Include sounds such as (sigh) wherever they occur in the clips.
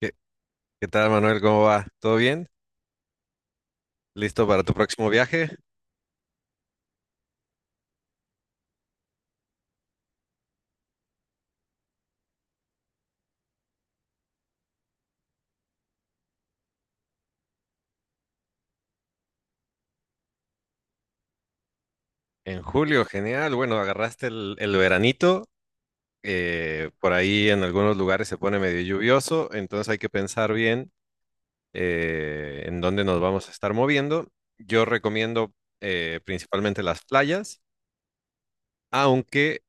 ¿Qué, qué tal, Manuel? ¿Cómo va? ¿Todo bien? ¿Listo para tu próximo viaje? En julio, genial. Bueno, agarraste el veranito. Por ahí en algunos lugares se pone medio lluvioso, entonces hay que pensar bien en dónde nos vamos a estar moviendo. Yo recomiendo principalmente las playas. Aunque,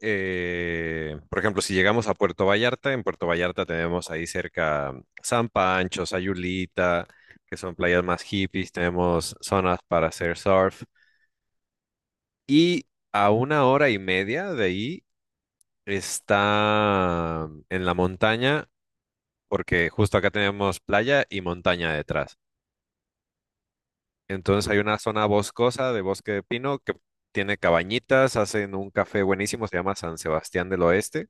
eh, por ejemplo, si llegamos a Puerto Vallarta, en Puerto Vallarta tenemos ahí cerca San Pancho, Sayulita, que son playas más hippies, tenemos zonas para hacer surf. Y a una hora y media de ahí está en la montaña, porque justo acá tenemos playa y montaña detrás. Entonces hay una zona boscosa de bosque de pino que tiene cabañitas, hacen un café buenísimo, se llama San Sebastián del Oeste.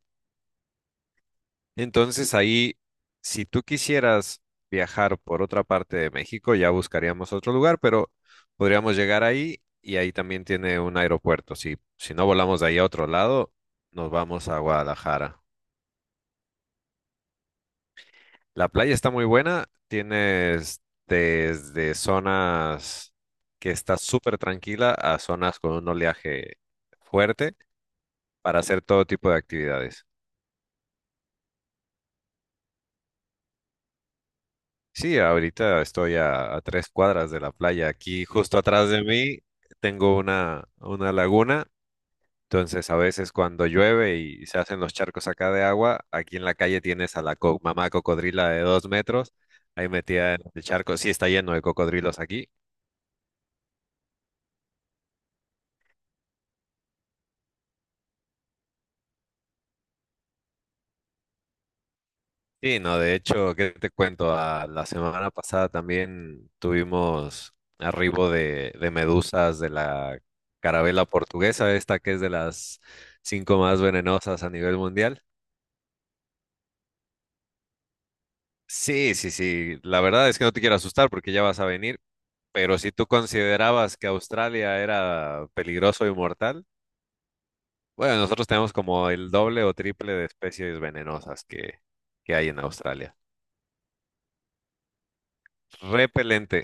Entonces ahí, si tú quisieras viajar por otra parte de México, ya buscaríamos otro lugar, pero podríamos llegar ahí y ahí también tiene un aeropuerto. Si no volamos de ahí a otro lado, nos vamos a Guadalajara. La playa está muy buena, tienes desde zonas que está súper tranquila a zonas con un oleaje fuerte para hacer todo tipo de actividades. Sí, ahorita estoy a 3 cuadras de la playa. Aquí justo atrás de mí tengo una laguna, entonces a veces cuando llueve y se hacen los charcos acá de agua, aquí en la calle tienes a la mamá cocodrila de 2 metros, ahí metida en el charco. Sí, está lleno de cocodrilos aquí. Sí, no, de hecho, ¿qué te cuento? La semana pasada también tuvimos arribo de medusas de la carabela portuguesa, esta que es de las cinco más venenosas a nivel mundial. Sí, sí, sí. La verdad es que no te quiero asustar porque ya vas a venir, pero si tú considerabas que Australia era peligroso y mortal, bueno, nosotros tenemos como el doble o triple de especies venenosas que hay en Australia. Repelente,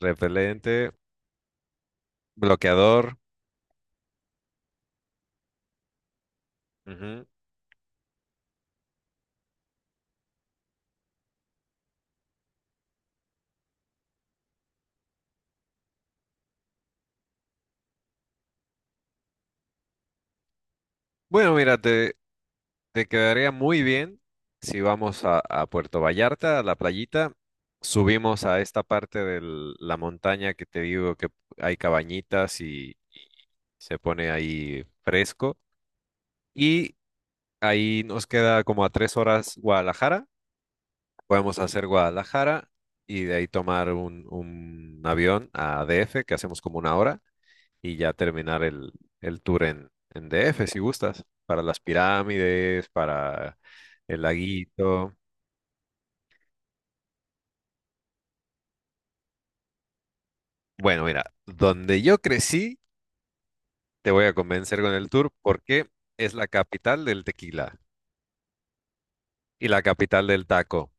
repelente, bloqueador. Ujú. Bueno, mírate, te quedaría muy bien si vamos a Puerto Vallarta, a la playita, subimos a esta parte de la montaña que te digo que hay cabañitas y se pone ahí fresco. Y ahí nos queda como a 3 horas Guadalajara. Podemos hacer Guadalajara y de ahí tomar un avión a DF, que hacemos como una hora y ya terminar el tour en DF, si gustas, para las pirámides, para el laguito. Bueno, mira, donde yo crecí, te voy a convencer con el tour porque es la capital del tequila y la capital del taco.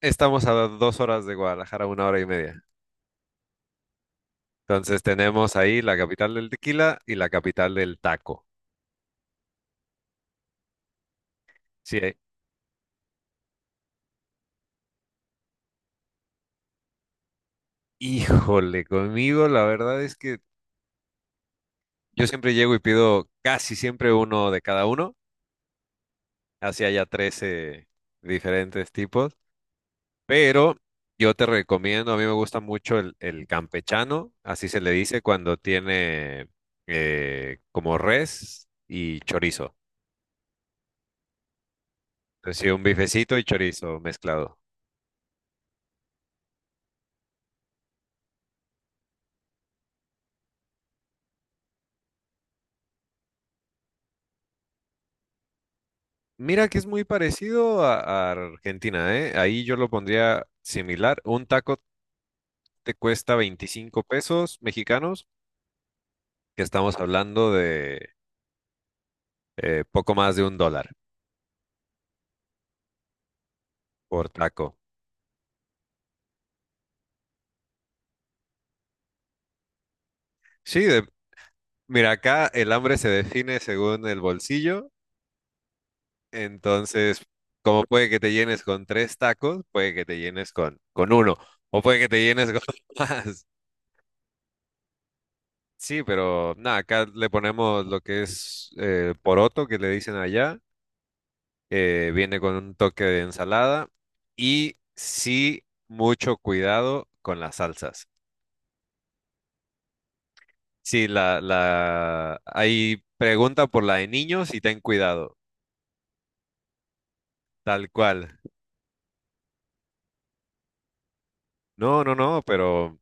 Estamos a 2 horas de Guadalajara, una hora y media. Entonces tenemos ahí la capital del tequila y la capital del taco. Sí, eh. Híjole, conmigo la verdad es que yo siempre llego y pido casi siempre uno de cada uno. Hacía ya 13 diferentes tipos, pero yo te recomiendo, a mí me gusta mucho el campechano, así se le dice cuando tiene como res y chorizo. Entonces, sí, un bifecito y chorizo mezclado. Mira que es muy parecido a Argentina, ¿eh? Ahí yo lo pondría similar. Un taco te cuesta 25 pesos mexicanos, que estamos hablando de poco más de $1 por taco. Sí, de- Mira, acá el hambre se define según el bolsillo, entonces como puede que te llenes con tres tacos, puede que te llenes con uno, o puede que te llenes con (laughs) más. Sí, pero nada, acá le ponemos lo que es poroto, que le dicen allá, viene con un toque de ensalada y sí, mucho cuidado con las salsas. Sí, ahí pregunta por la de niños y ten cuidado, tal cual. No, no, no, pero...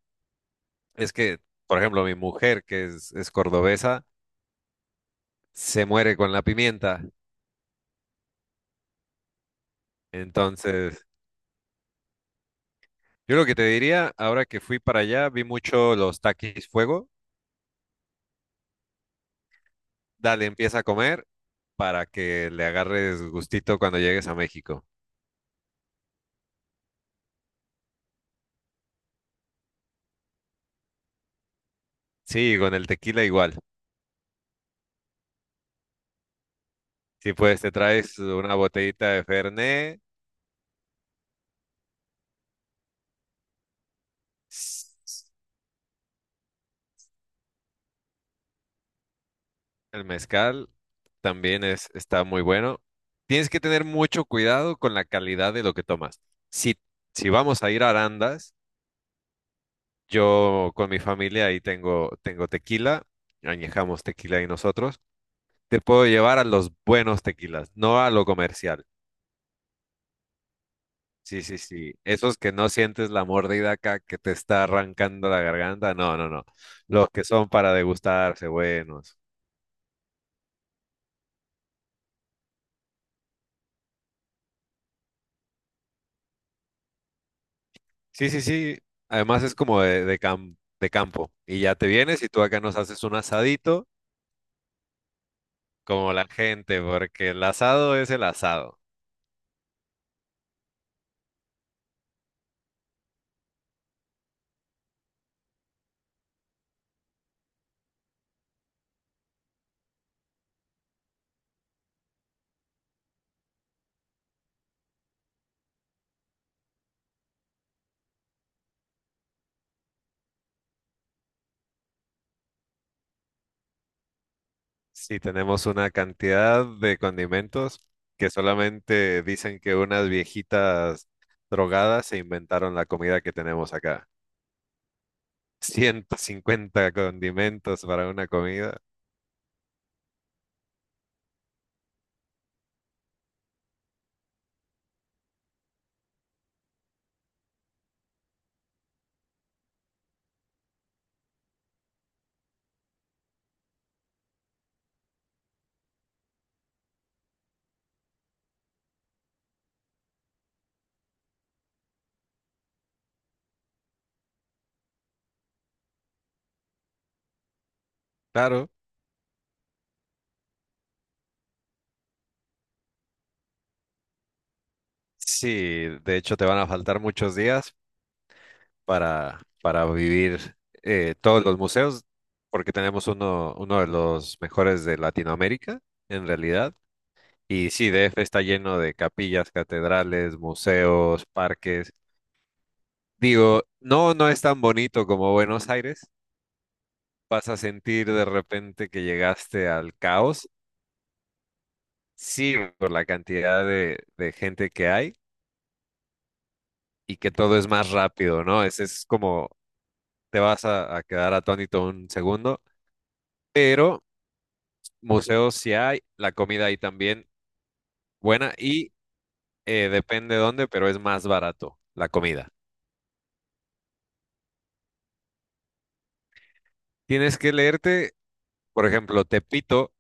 Es que, por ejemplo, mi mujer, que es cordobesa, se muere con la pimienta. Entonces, yo lo que te diría, ahora que fui para allá, vi mucho los taquis fuego. Dale, empieza a comer para que le agarres gustito cuando llegues a México. Sí, con el tequila igual. Si pues te traes una botellita de Fernet, el mezcal también está muy bueno. Tienes que tener mucho cuidado con la calidad de lo que tomas. Si, si vamos a ir a Arandas, yo con mi familia ahí tengo, tengo tequila, añejamos tequila y nosotros. Te puedo llevar a los buenos tequilas, no a lo comercial. Sí, sí, sí. Esos que no sientes la mordida acá que te está arrancando la garganta. No, no, no. Los que son para degustarse, buenos. Sí, sí, sí. Además es como de campo. Y ya te vienes y tú acá nos haces un asadito como la gente, porque el asado es el asado. Sí, tenemos una cantidad de condimentos que solamente dicen que unas viejitas drogadas se inventaron la comida que tenemos acá. (laughs) 150 condimentos para una comida. Claro, sí, de hecho te van a faltar muchos días para vivir todos los museos, porque tenemos uno, uno de los mejores de Latinoamérica, en realidad. Y sí, DF está lleno de capillas, catedrales, museos, parques. Digo, no, no es tan bonito como Buenos Aires. Vas a sentir de repente que llegaste al caos. Sí, por la cantidad de gente que hay y que todo es más rápido, ¿no? Es como te vas a quedar atónito un segundo, pero museos sí hay, la comida ahí también buena y depende dónde, pero es más barato la comida. Tienes que leerte, por ejemplo, Tepito,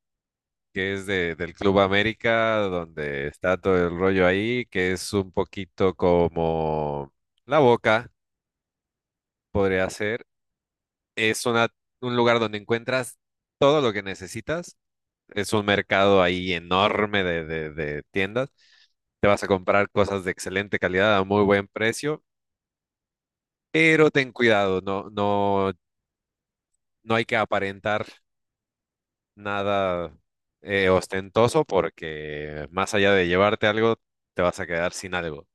que es de, del Club América, donde está todo el rollo ahí, que es un poquito como La Boca, podría ser. Es una, un lugar donde encuentras todo lo que necesitas. Es un mercado ahí enorme de tiendas. Te vas a comprar cosas de excelente calidad a muy buen precio, pero ten cuidado, no, no, no hay que aparentar nada ostentoso porque más allá de llevarte algo, te vas a quedar sin algo.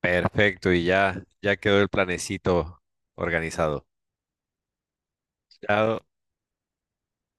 Perfecto, y ya, ya quedó el planecito organizado. Ya